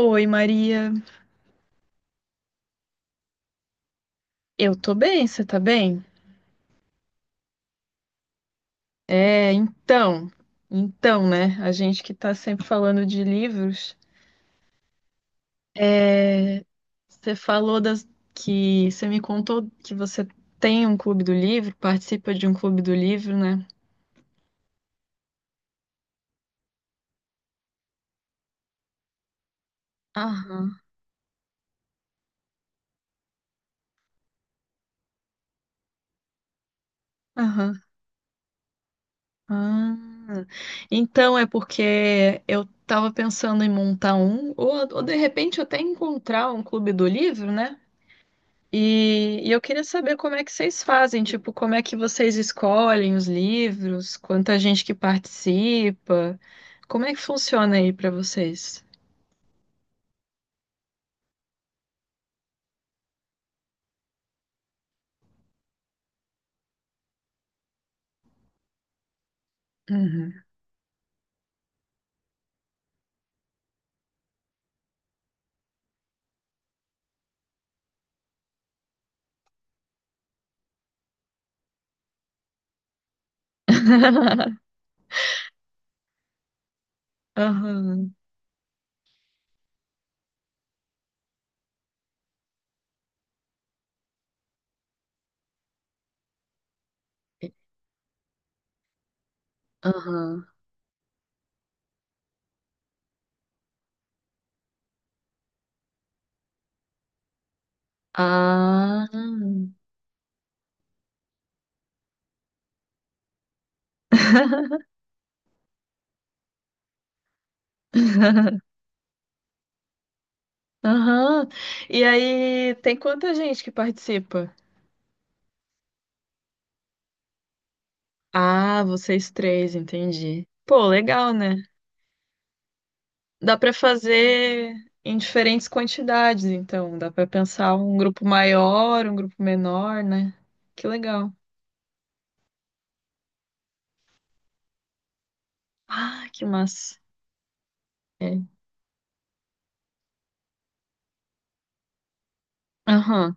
Oi, Maria. Eu tô bem, você tá bem? É, então, né? A gente que tá sempre falando de livros, é, você falou que você me contou que você tem um clube do livro, participa de um clube do livro, né? Aham, aham. Ah, então é porque eu tava pensando em montar um, ou de repente até encontrar um clube do livro, né? E eu queria saber como é que vocês fazem, tipo, como é que vocês escolhem os livros, quanta gente que participa, como é que funciona aí pra vocês? Uhum. Aham. Aham. Ah. Aham. E aí, tem quanta gente que participa? Ah, vocês três, entendi. Pô, legal, né? Dá para fazer em diferentes quantidades, então. Dá para pensar um grupo maior, um grupo menor, né? Que legal. Ah, que massa. É. Aham.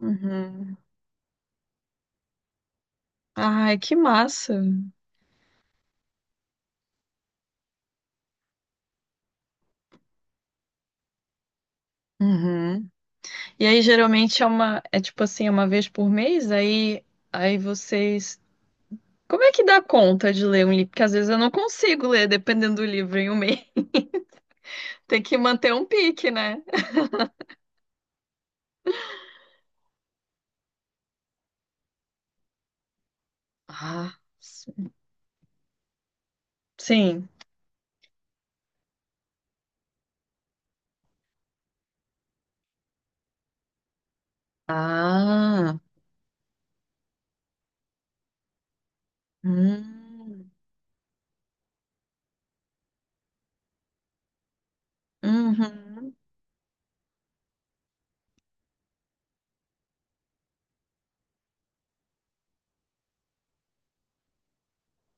Uhum. Ai, que massa. Uhum. E aí, geralmente é uma, é tipo assim, é uma vez por mês, aí vocês. Como é que dá conta de ler um livro? Porque às vezes eu não consigo ler, dependendo do livro, em um mês. Tem que manter um pique, né? Ah, sim. Sim. Ah. Hum. Uhum.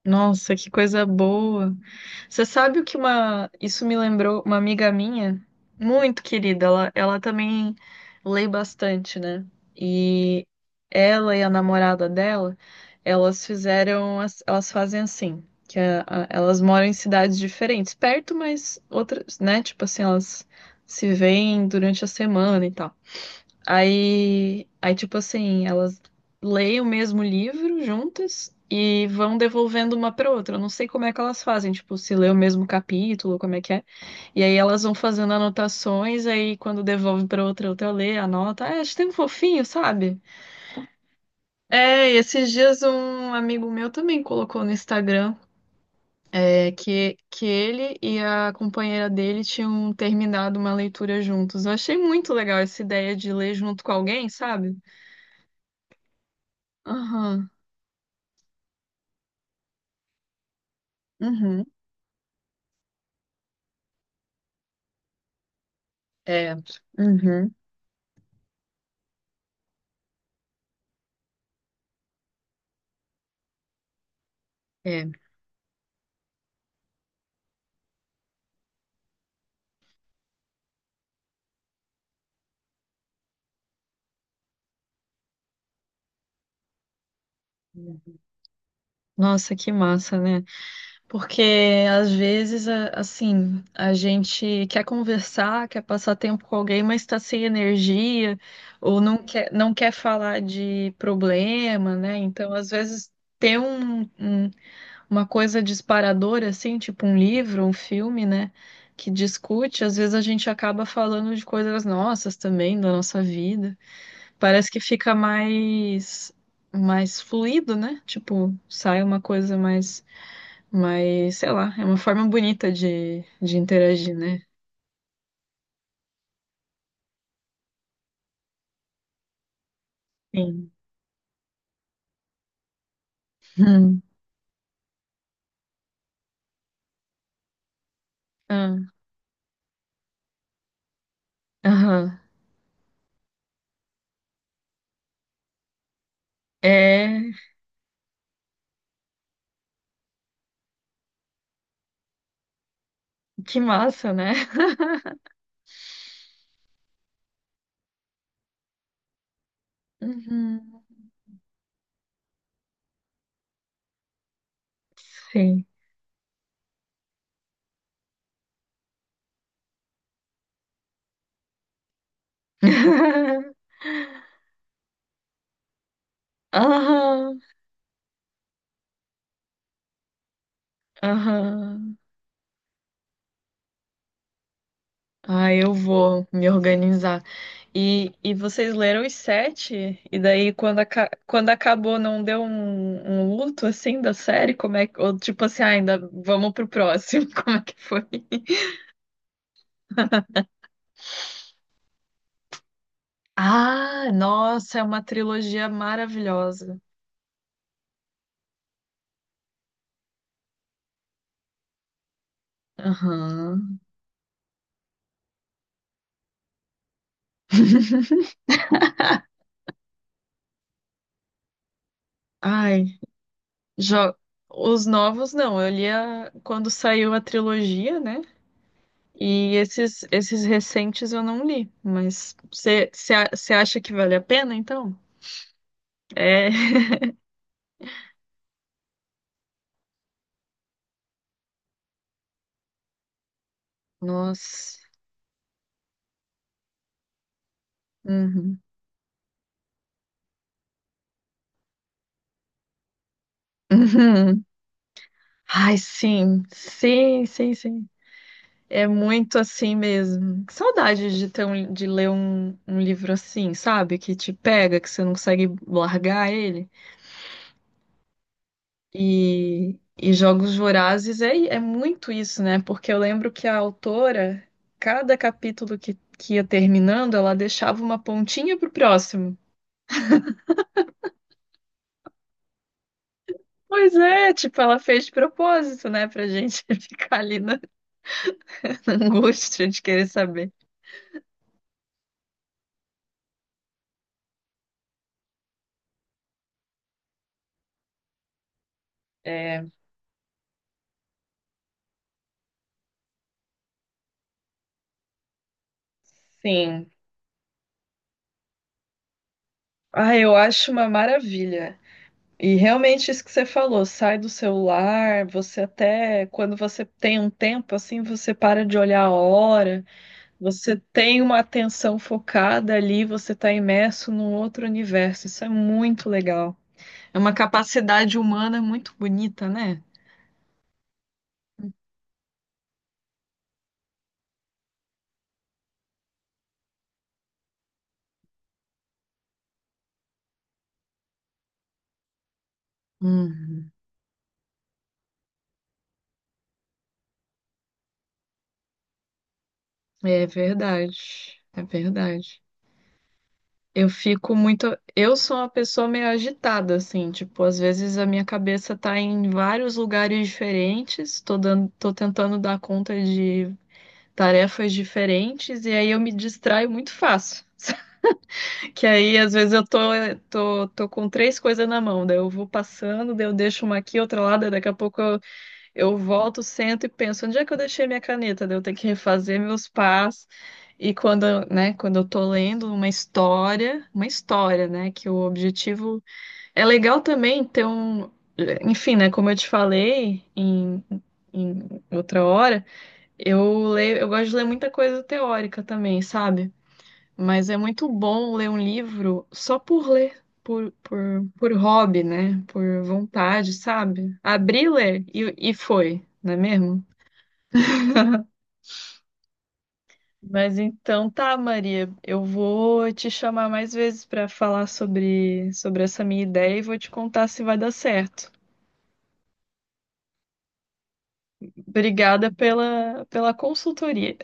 Nossa, que coisa boa. Você sabe o que uma. Isso me lembrou uma amiga minha, muito querida. Ela também lê bastante, né? E ela e a namorada dela, elas fizeram. Elas fazem assim, que elas moram em cidades diferentes, perto, mas outras, né? Tipo assim, elas se veem durante a semana e tal. Aí, tipo assim, elas leem o mesmo livro juntas e vão devolvendo uma para outra. Eu não sei como é que elas fazem, tipo, se lê o mesmo capítulo, como é que é. E aí elas vão fazendo anotações, aí quando devolve para outra, outra lê, anota. Ah, acho tão fofinho, sabe? É, e esses dias um amigo meu também colocou no Instagram que ele e a companheira dele tinham terminado uma leitura juntos. Eu achei muito legal essa ideia de ler junto com alguém, sabe? Aham. Uhum. É. Uhum. É. Nossa, que massa, né? Porque às vezes, assim, a gente quer conversar, quer passar tempo com alguém, mas está sem energia, ou não quer falar de problema, né? Então, às vezes, ter uma coisa disparadora, assim, tipo um livro, um filme, né? Que discute, às vezes a gente acaba falando de coisas nossas também, da nossa vida. Parece que fica mais fluido, né? Tipo, sai uma coisa sei lá, é uma forma bonita de interagir, né? Sim. Hum. Ah, aham. É, que massa, né? Uhum. Sim. Aham. Aham. Ah, eu vou me organizar. E vocês leram os sete? E daí, quando acabou, não deu um, luto assim da série? Como é que... Ou tipo assim, ah, ainda vamos pro próximo? Como é que foi? Ah, nossa, é uma trilogia maravilhosa. Aham. Ai, jo... os novos não. Eu li quando saiu a trilogia, né? E esses recentes eu não li, mas você acha que vale a pena, então? É. Nossa. Uhum. Uhum. Ai, sim. Sim, sim, sim. É muito assim mesmo. Que saudade de ter de ler um livro assim, sabe? Que te pega, que você não consegue largar ele. E Jogos Vorazes é muito isso, né? Porque eu lembro que a autora, cada capítulo que ia terminando, ela deixava uma pontinha pro próximo. Pois é, tipo, ela fez de propósito, né? Pra gente ficar ali na angústia de querer saber. É, sim. Ah, eu acho uma maravilha. E realmente isso que você falou, sai do celular, você até, quando você tem um tempo, assim, você para de olhar a hora. Você tem uma atenção focada ali, você está imerso num outro universo. Isso é muito legal. É uma capacidade humana muito bonita, né? Uhum. É verdade. É verdade. Eu fico muito. Eu sou uma pessoa meio agitada, assim. Tipo, às vezes a minha cabeça tá em vários lugares diferentes. Tô tentando dar conta de tarefas diferentes. E aí eu me distraio muito fácil. Que aí, às vezes, eu tô com três coisas na mão, daí eu vou passando, daí eu deixo uma aqui, outra lá, daí daqui a pouco eu volto, sento e penso, onde é que eu deixei minha caneta? Daí eu tenho que refazer meus pás. E quando, né, quando eu tô lendo uma história, né, que o objetivo... É legal também ter um... Enfim, né, como eu te falei em outra hora, eu leio, eu gosto de ler muita coisa teórica também, sabe? Mas é muito bom ler um livro só por ler, por hobby, né? Por vontade, sabe? Abri, ler e foi, não é mesmo? Mas então tá, Maria, eu vou te chamar mais vezes para falar sobre essa minha ideia e vou te contar se vai dar certo. Obrigada pela consultoria.